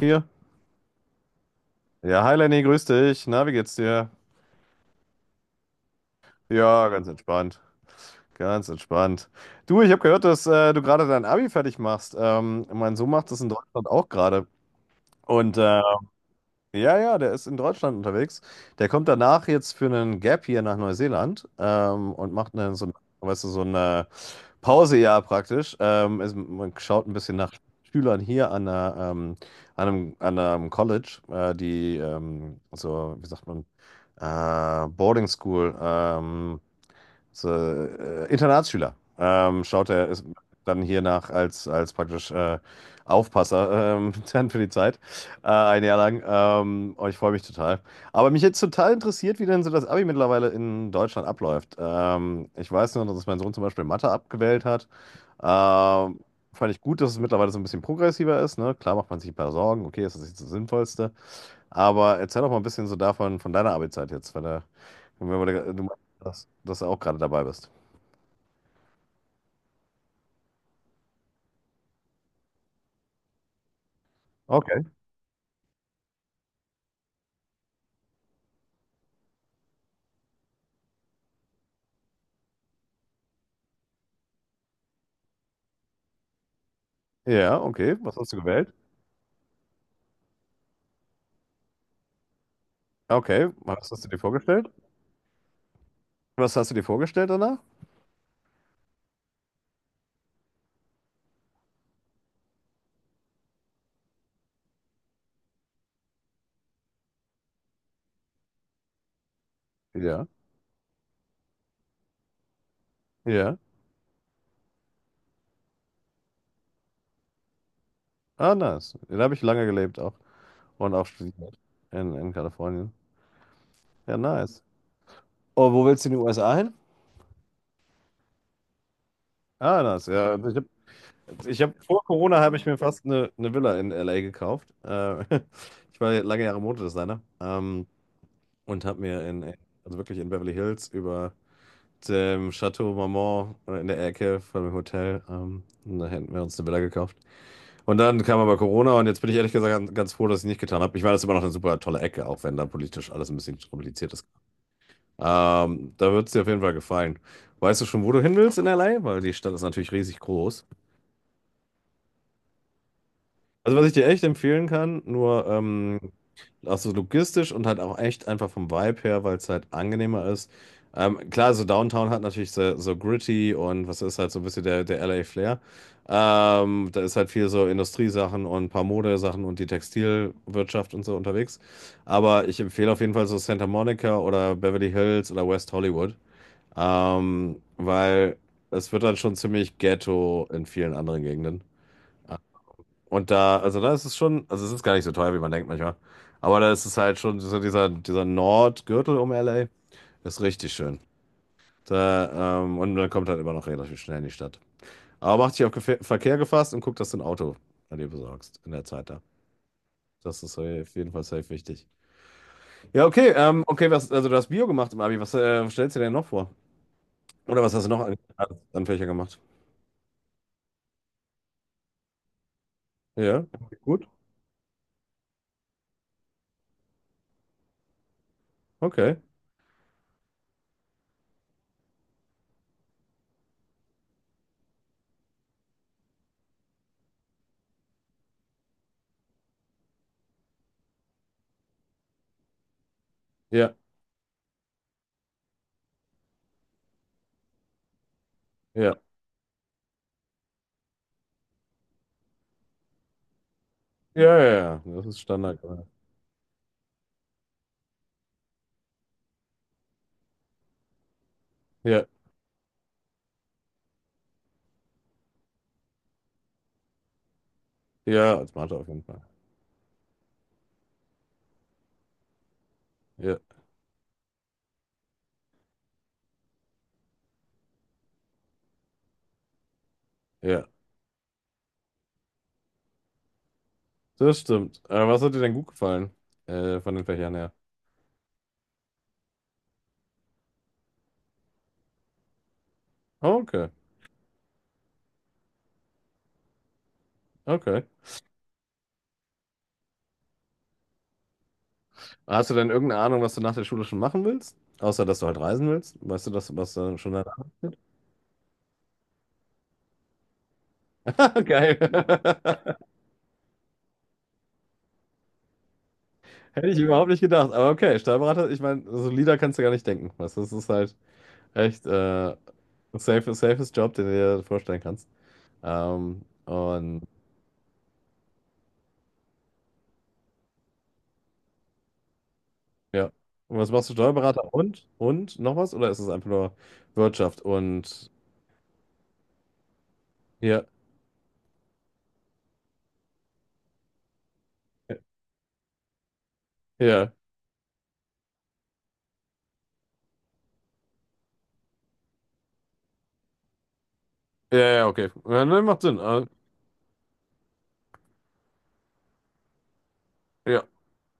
Hier. Ja, hi Lenny, grüß dich. Na, wie geht's dir? Ja, ganz entspannt. Ganz entspannt. Du, ich habe gehört, dass du gerade dein Abi fertig machst. Mein Sohn macht das in Deutschland auch gerade. Und ja, ja, der ist in Deutschland unterwegs. Der kommt danach jetzt für einen Gap hier nach Neuseeland und macht eine, so, weißt du, so eine Pause ja praktisch. Ist, man schaut ein bisschen nach Schülern hier an, einer, an einem College, die so, wie sagt man, Boarding School ist, Internatsschüler. Schaut er ist dann hier nach als, als praktisch Aufpasser dann für die Zeit. Ein Jahr lang. Oh, ich freue mich total. Aber mich jetzt total interessiert, wie denn so das Abi mittlerweile in Deutschland abläuft. Ich weiß nur, dass mein Sohn zum Beispiel Mathe abgewählt hat. Ähm, Fand ich gut, dass es mittlerweile so ein bisschen progressiver ist. Ne? Klar macht man sich ein paar Sorgen. Okay, ist das nicht das Sinnvollste? Aber erzähl doch mal ein bisschen so davon, von deiner Abi-Zeit jetzt. Weil da, wenn wir, du meinst, dass, dass du auch gerade dabei bist. Okay. Ja, okay. Was hast du gewählt? Okay. Was hast du dir vorgestellt? Was hast du dir vorgestellt danach? Ja. Ja. Ah, nice. Ja, da habe ich lange gelebt auch. Und auch studiert. In Kalifornien. Ja, nice. Oh, wo willst du in die USA hin? Ah, nice. Ja, also ich habe ich hab, vor Corona habe ich mir fast eine Villa in LA gekauft. Ich war lange Jahre Modedesigner. Und habe mir in, also wirklich in Beverly Hills über dem Chateau Marmont in der Ecke von dem Hotel. Und da hätten wir uns eine Villa gekauft. Und dann kam aber Corona und jetzt bin ich ehrlich gesagt ganz, froh, dass ich es nicht getan habe. Ich meine, das ist immer noch eine super tolle Ecke, auch wenn da politisch alles ein bisschen kompliziert ist. Da wird es dir auf jeden Fall gefallen. Weißt du schon, wo du hin willst in LA? Weil die Stadt ist natürlich riesig groß. Also was ich dir echt empfehlen kann, nur auch so logistisch und halt auch echt einfach vom Vibe her, weil es halt angenehmer ist. Klar, so Downtown hat natürlich so, so gritty und was ist halt so ein bisschen der, der LA Flair. Da ist halt viel so Industriesachen und ein paar Modesachen und die Textilwirtschaft und so unterwegs. Aber ich empfehle auf jeden Fall so Santa Monica oder Beverly Hills oder West Hollywood, weil es wird dann schon ziemlich Ghetto in vielen anderen Gegenden. Und da, also da ist es schon, also es ist gar nicht so teuer, wie man denkt manchmal. Aber da ist es halt schon, so dieser, dieser Nordgürtel um LA ist richtig schön. Da, und dann kommt halt immer noch relativ schnell in die Stadt. Aber mach dich auf Verkehr gefasst und guck, dass du ein Auto an dir besorgst in der Zeit da. Das ist auf jeden Fall safe wichtig. Ja, okay, okay, was, also du hast Bio gemacht im Abi. Was stellst du dir denn noch vor? Oder was hast du noch an, an Fächer gemacht? Ja, gut, okay. Ja, ja, ja, ja, ja. Das ist Standard. Ja, ja, als Mathe auf jeden Fall. Ja, ja, das stimmt. Aber was hat dir denn gut gefallen? Von den Fächern her. Oh, okay, okay. Hast du denn irgendeine Ahnung, was du nach der Schule schon machen willst? Außer, dass du halt reisen willst? Weißt du, das, was du schon deine geil. Hätte ich überhaupt nicht gedacht. Aber okay, Steuerberater, ich meine, solider kannst du gar nicht denken. Weißt du, das ist halt echt safe, safest Job, den du dir vorstellen kannst. Und ja. Und was machst du, Steuerberater? Und? Und noch was? Oder ist es einfach nur Wirtschaft? Und ja. Ja, ja, ja, okay. Ja, ne, macht Sinn. Ja.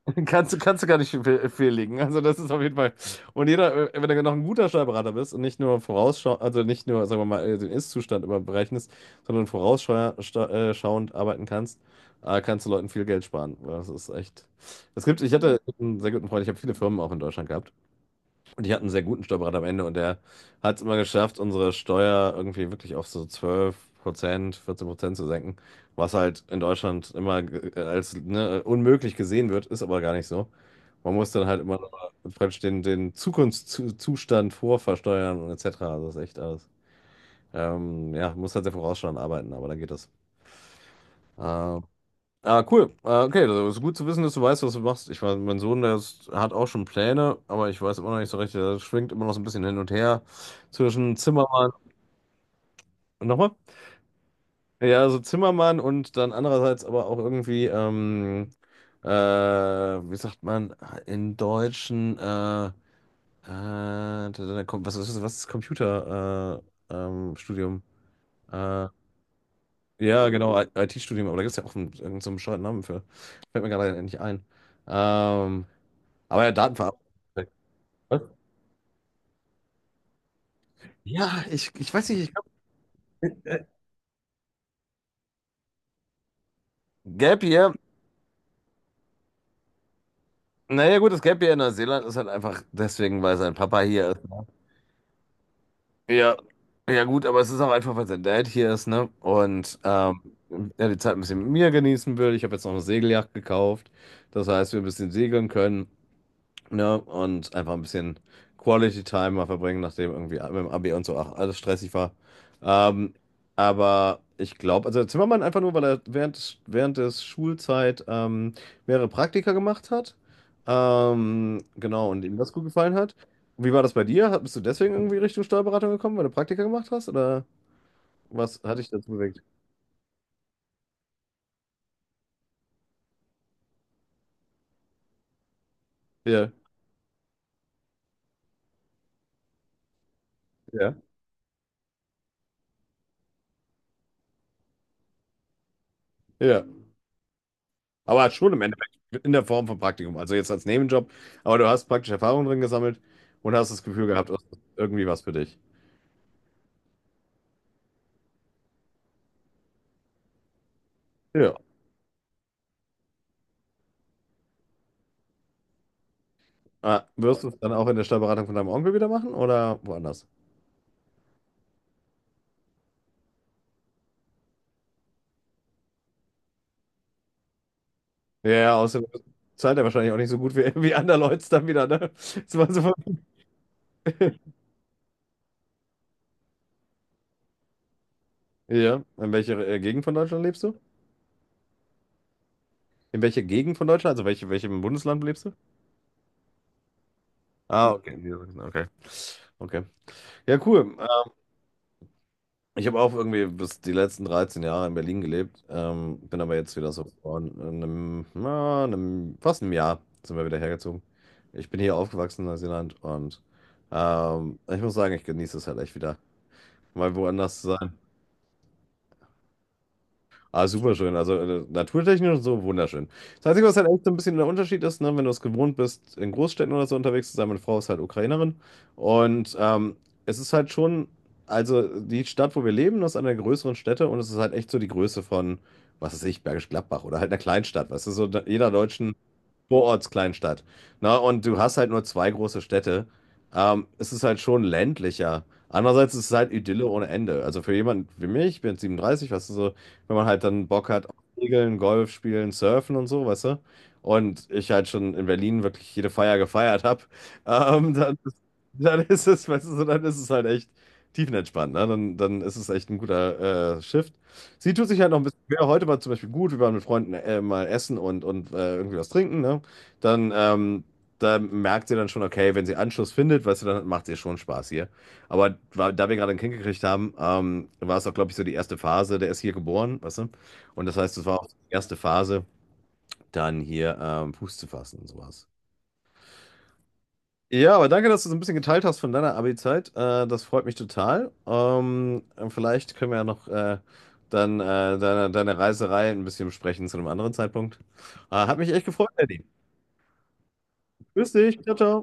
Kannst, kannst du gar nicht fehllegen. Also das ist auf jeden Fall. Und jeder, wenn du noch ein guter Steuerberater bist und nicht nur also nicht nur, sagen wir mal, den Ist-Zustand überberechnest, sondern vorausschauend arbeiten kannst, kannst du Leuten viel Geld sparen. Das ist echt. Es gibt, ich hatte einen sehr guten Freund, ich habe viele Firmen auch in Deutschland gehabt. Und ich hatte einen sehr guten Steuerberater am Ende und der hat es immer geschafft, unsere Steuer irgendwie wirklich auf so 12%, 14% zu senken, was halt in Deutschland immer als ne, unmöglich gesehen wird, ist aber gar nicht so. Man muss dann halt immer noch praktisch den, den Zukunftszustand vorversteuern und etc. Also das ist echt alles. Ja, muss halt sehr vorausschauend arbeiten, aber dann geht das. Ähm, Ah, cool. Ah, okay, also ist gut zu wissen, dass du weißt, was du machst. Ich weiß, mein Sohn, der ist, hat auch schon Pläne, aber ich weiß immer noch nicht so recht. Der schwingt immer noch so ein bisschen hin und her zwischen Zimmermann. Nochmal? Ja, also Zimmermann und dann andererseits aber auch irgendwie, wie sagt man, in Deutschen, da was ist Computer, Studium? Äh, ja, genau, IT-Studium, aber da gibt es ja auch einen, irgendeinen so einen bescheuerten Namen für. Fällt mir gerade nicht ein. Ähm, Aber ja, Datenverarbeitung. Was? Ja, ich weiß nicht, ich glaube, Gap Year, naja gut, das Gap Year in Neuseeland ist halt einfach deswegen, weil sein Papa hier ist. Ne? Ja, ja gut, aber es ist auch einfach, weil sein Dad hier ist, ne? Und er die Zeit ein bisschen mit mir genießen will. Ich habe jetzt noch eine Segeljacht gekauft. Das heißt, wir ein bisschen segeln können. Ja, und einfach ein bisschen Quality Time mal verbringen, nachdem irgendwie mit dem Abi und so auch alles stressig war. Ähm, aber ich glaube, also Zimmermann einfach nur, weil er während des Schulzeit mehrere Praktika gemacht hat. Genau, und ihm das gut gefallen hat. Wie war das bei dir? Bist du deswegen irgendwie Richtung Steuerberatung gekommen, weil du Praktika gemacht hast? Oder was hat dich dazu bewegt? Ja, ja, ja. Aber schon im Endeffekt in der Form von Praktikum. Also jetzt als Nebenjob. Aber du hast praktisch Erfahrung drin gesammelt und hast das Gefühl gehabt, das ist irgendwie was für dich. Ja. Ah, wirst du es dann auch in der Steuerberatung von deinem Onkel wieder machen oder woanders? Ja, ja, außerdem zahlt er wahrscheinlich auch nicht so gut wie, wie andererorts dann wieder, ne? Das war so- voll- Ja. In welcher Gegend von Deutschland lebst du? In welcher Gegend von Deutschland? Also welche, welchem Bundesland lebst du? Ah, okay. Okay. Okay. Ja, cool. Ich habe auch irgendwie bis die letzten 13 Jahre in Berlin gelebt, bin aber jetzt wieder so vor einem, na, einem, fast einem Jahr sind wir wieder hergezogen. Ich bin hier aufgewachsen in Neuseeland und ich muss sagen, ich genieße es halt echt wieder, mal woanders zu sein. Ah, super schön. Also naturtechnisch und so wunderschön. Das Einzige, was halt echt so ein bisschen der Unterschied ist, ne, wenn du es gewohnt bist, in Großstädten oder so unterwegs zu sein, meine Frau ist halt Ukrainerin. Und es ist halt schon, also die Stadt, wo wir leben, das ist eine der größeren Städte und es ist halt echt so die Größe von, was weiß ich, Bergisch Gladbach oder halt einer Kleinstadt, weißt du, so da- jeder deutschen Vorortskleinstadt. Na, und du hast halt nur zwei große Städte. Es ist halt schon ländlicher. Andererseits ist es halt Idylle ohne Ende. Also für jemanden wie mich, ich bin jetzt 37, weißt du, so, wenn man halt dann Bock hat auf Segeln, Golf spielen, Surfen und so, weißt du, und ich halt schon in Berlin wirklich jede Feier gefeiert habe, dann, dann ist es, weißt du, so, dann ist es halt echt tiefenentspannt, ne? Dann, dann ist es echt ein guter Shift. Sie tut sich halt noch ein bisschen schwer. Heute war zum Beispiel gut, wir waren mit Freunden mal essen und irgendwie was trinken, ne? Dann da merkt sie dann schon, okay, wenn sie Anschluss findet, weißt du, dann macht ihr schon Spaß hier. Aber da wir gerade ein Kind gekriegt haben, war es auch, glaube ich, so die erste Phase. Der ist hier geboren, weißt du? Und das heißt, es war auch die erste Phase, dann hier Fuß zu fassen und sowas. Ja, aber danke, dass du so ein bisschen geteilt hast von deiner Abi-Zeit. Das freut mich total. Vielleicht können wir ja noch dann deine, deine Reiserei ein bisschen besprechen zu einem anderen Zeitpunkt. Hat mich echt gefreut, Eddie. Grüß dich. Ciao, ciao.